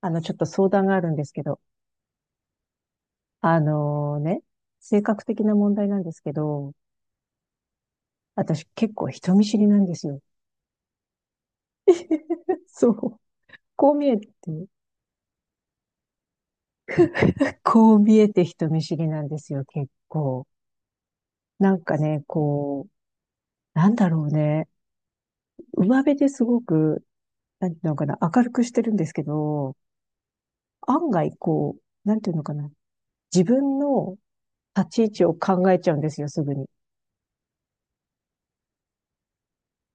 ちょっと相談があるんですけど、あのね、性格的な問題なんですけど、私結構人見知りなんですよ。そう。こう見えて、こう見えて人見知りなんですよ、結構。なんかね、こう、なんだろうね。上辺ですごく、なんていうのかな、明るくしてるんですけど、案外こう、なんていうのかな、自分の立ち位置を考えちゃうんですよ、すぐに。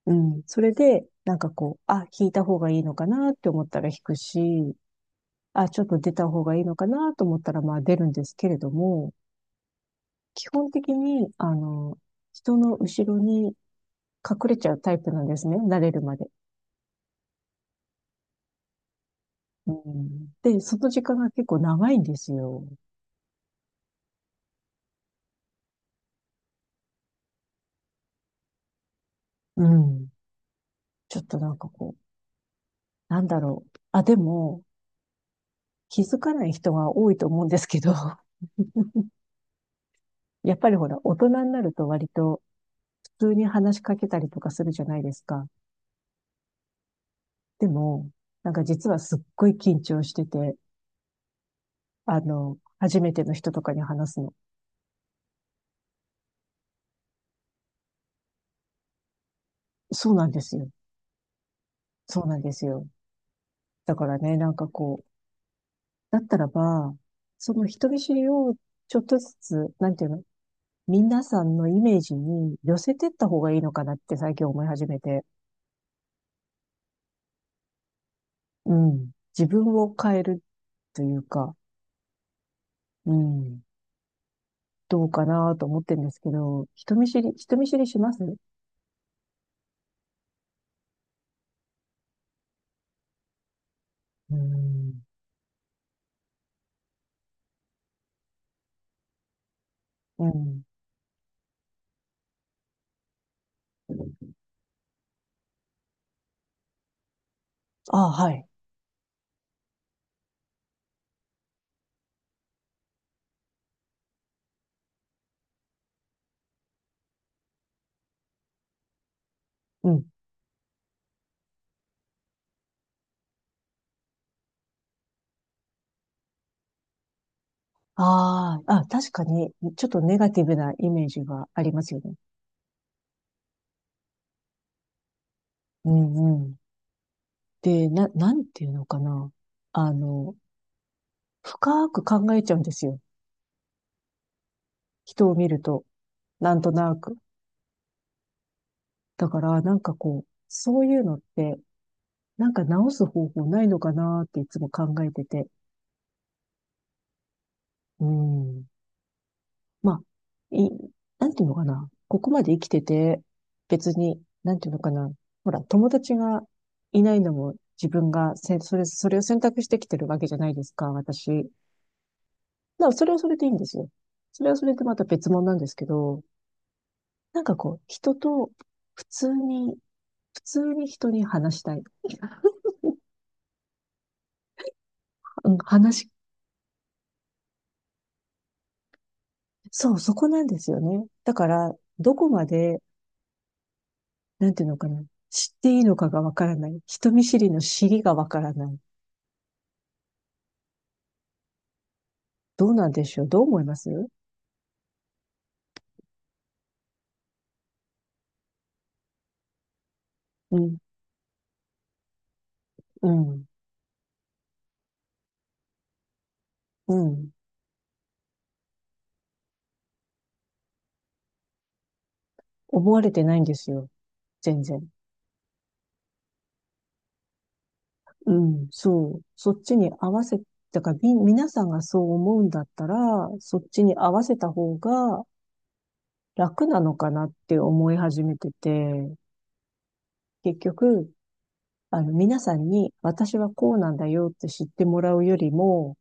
うん。それで、なんかこう、あ、引いた方がいいのかなって思ったら引くし、あ、ちょっと出た方がいいのかなと思ったら、まあ出るんですけれども、基本的に、人の後ろに隠れちゃうタイプなんですね。慣れるまで。うん。で、その時間が結構長いんですよ。うん。ちょっとなんかこう、なんだろう。あ、でも、気づかない人が多いと思うんですけど、やっぱりほら、大人になると割と普通に話しかけたりとかするじゃないですか。でも、なんか実はすっごい緊張してて、初めての人とかに話すの。そうなんですよ。そうなんですよ。だからね、なんかこう、だったらば、その人見知りをちょっとずつ、なんていうの、皆さんのイメージに寄せてった方がいいのかなって最近思い始めて、うん。自分を変えるというか、うん。どうかなと思ってるんですけど、人見知り、人見知りしますうん。うん。ああ、はい。うんああ、あ、確かに、ちょっとネガティブなイメージがありますよね。うんうん。で、な、なんていうのかな。あの、深く考えちゃうんですよ。人を見ると、なんとなく。だから、なんかこう、そういうのって、なんか直す方法ないのかなっていつも考えてて。うん。まあ、い、なんていうのかな。ここまで生きてて、別に、なんていうのかな。ほら、友達がいないのも自分がせ、それ、それを選択してきてるわけじゃないですか、私。だからそれはそれでいいんですよ。それはそれでまた別物なんですけど、なんかこう、人と普通に、普通に人に話したい。うん話し、そう、そこなんですよね。だから、どこまで、なんていうのかな。知っていいのかがわからない。人見知りの知りがわからない。どうなんでしょうどう思いますうん、うん、うん。思われてないんですよ。全然。うん、そう。そっちに合わせ、だからみ、皆さんがそう思うんだったら、そっちに合わせた方が楽なのかなって思い始めてて、結局、皆さんに私はこうなんだよって知ってもらうよりも、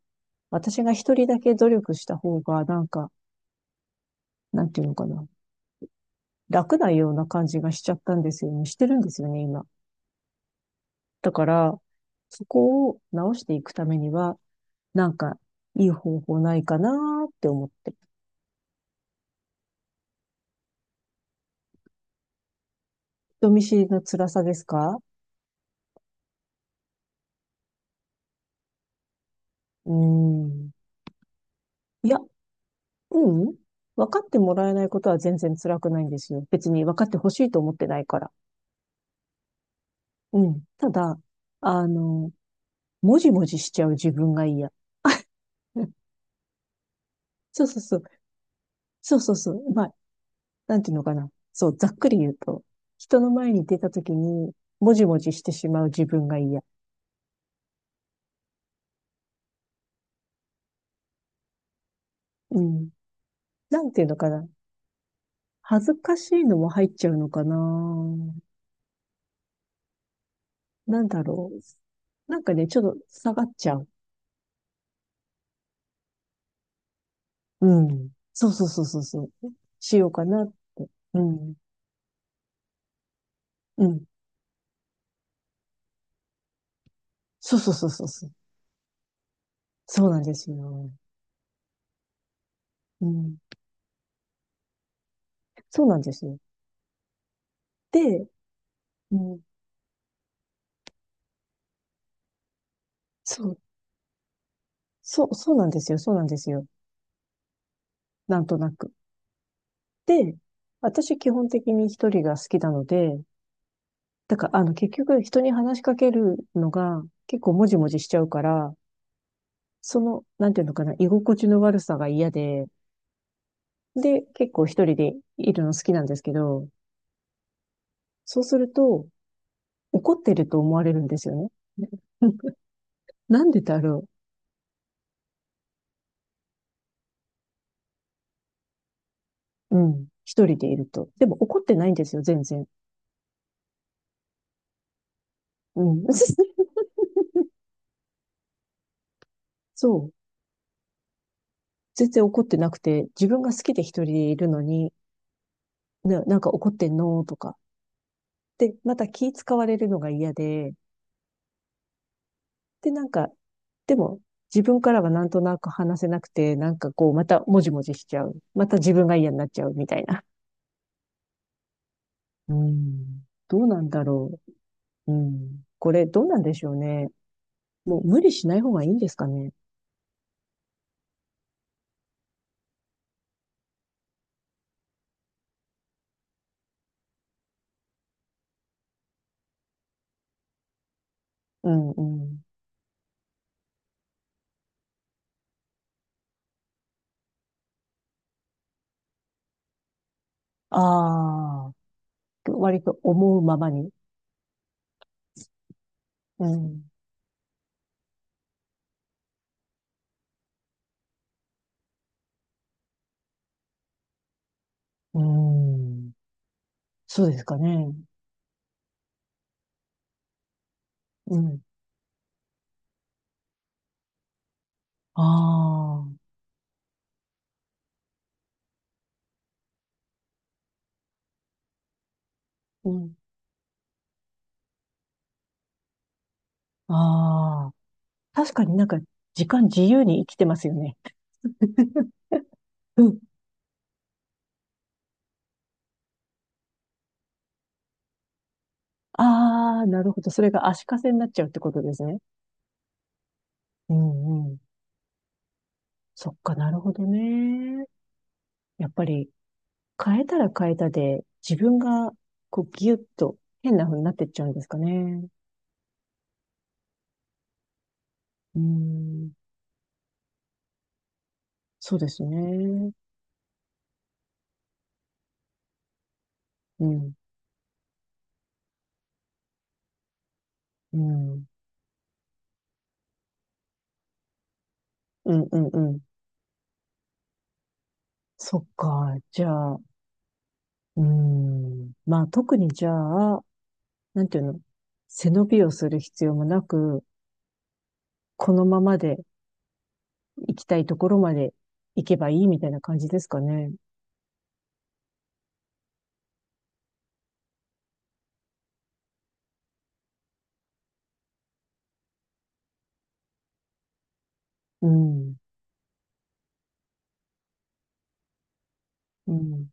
私が一人だけ努力した方が、なんか、なんていうのかな。楽なような感じがしちゃったんですよね。してるんですよね、今。だから、そこを直していくためには、なんか、いい方法ないかなーって思って。人見知りの辛さですかうーん。いや、うん。分かってもらえないことは全然辛くないんですよ。別に分かってほしいと思ってないから。うん。ただ、あの、もじもじしちゃう自分が嫌。うんそうそうそう。そうそうそう。まあ、なんていうのかな。そう、ざっくり言うと、人の前に出た時に、もじもじしてしまう自分が嫌。うん。なんていうのかな。恥ずかしいのも入っちゃうのかな。なんだろう。なんかね、ちょっと下がっちゃう。うん。そうそうそうそうそう。しようかなって。うん。うん。そうそうそうそうそう。そうなんですよ。うん。そうなんですよ。で、うん。そう、そう、そうなんですよ。そうなんですよ。なんとなく。で、私基本的に一人が好きなので、だから、結局人に話しかけるのが結構もじもじしちゃうから、その、なんていうのかな、居心地の悪さが嫌で、で、結構一人でいるの好きなんですけど、そうすると、怒ってると思われるんですよね。うんなんでだろう。うん。一人でいると。でも怒ってないんですよ、全然。うん。そう。全然怒ってなくて、自分が好きで一人でいるのに、な、なんか怒ってんのとか。で、また気使われるのが嫌で、で、なんか、でも、自分からはなんとなく話せなくて、なんかこう、またもじもじしちゃう。また自分が嫌になっちゃうみたいな。うん。どうなんだろう。うん。これ、どうなんでしょうね。もう無理しない方がいいんですかね。うんうん。ああ、割と思うままに。うん。うん。そうですかね。うん。ああ、うん。ああ。確かになんか、時間自由に生きてますよね。うんああ、なるほど。それが足かせになっちゃうってことですね。うんうん。そっか、なるほどね。やっぱり変えたら変えたで、自分がこうギュッと変な風になってっちゃうんですかね。うん。そうですね。うん。うん。うんうんうん。そっか。じゃあ、うん。まあ特にじゃあ、なんていうの、背伸びをする必要もなく、このままで行きたいところまで行けばいいみたいな感じですかね。うん。うん。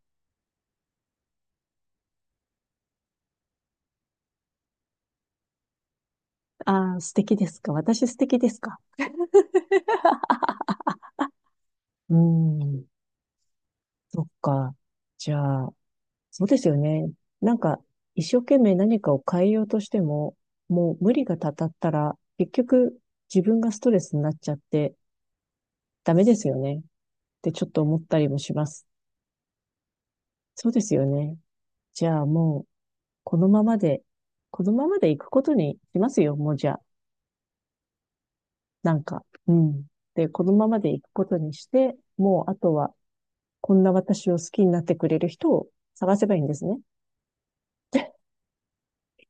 ああ、素敵ですか。私素敵ですか。うん。そっか。じゃあ、そうですよね。なんか、一生懸命何かを変えようとしても、もう無理がたたったら、結局自分がストレスになっちゃってダメですよね。ってちょっと思ったりもします。そうですよね。じゃあもう、このままで、このままで行くことにしますよ、もうじゃあ。なんか、うん。で、このままで行くことにして、もうあとはこんな私を好きになってくれる人を探せばいいんですね。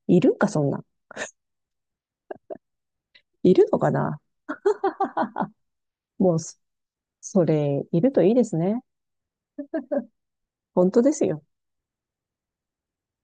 いるか、そんな。いるのかな もう、それ、いるといいですね。本当ですよ。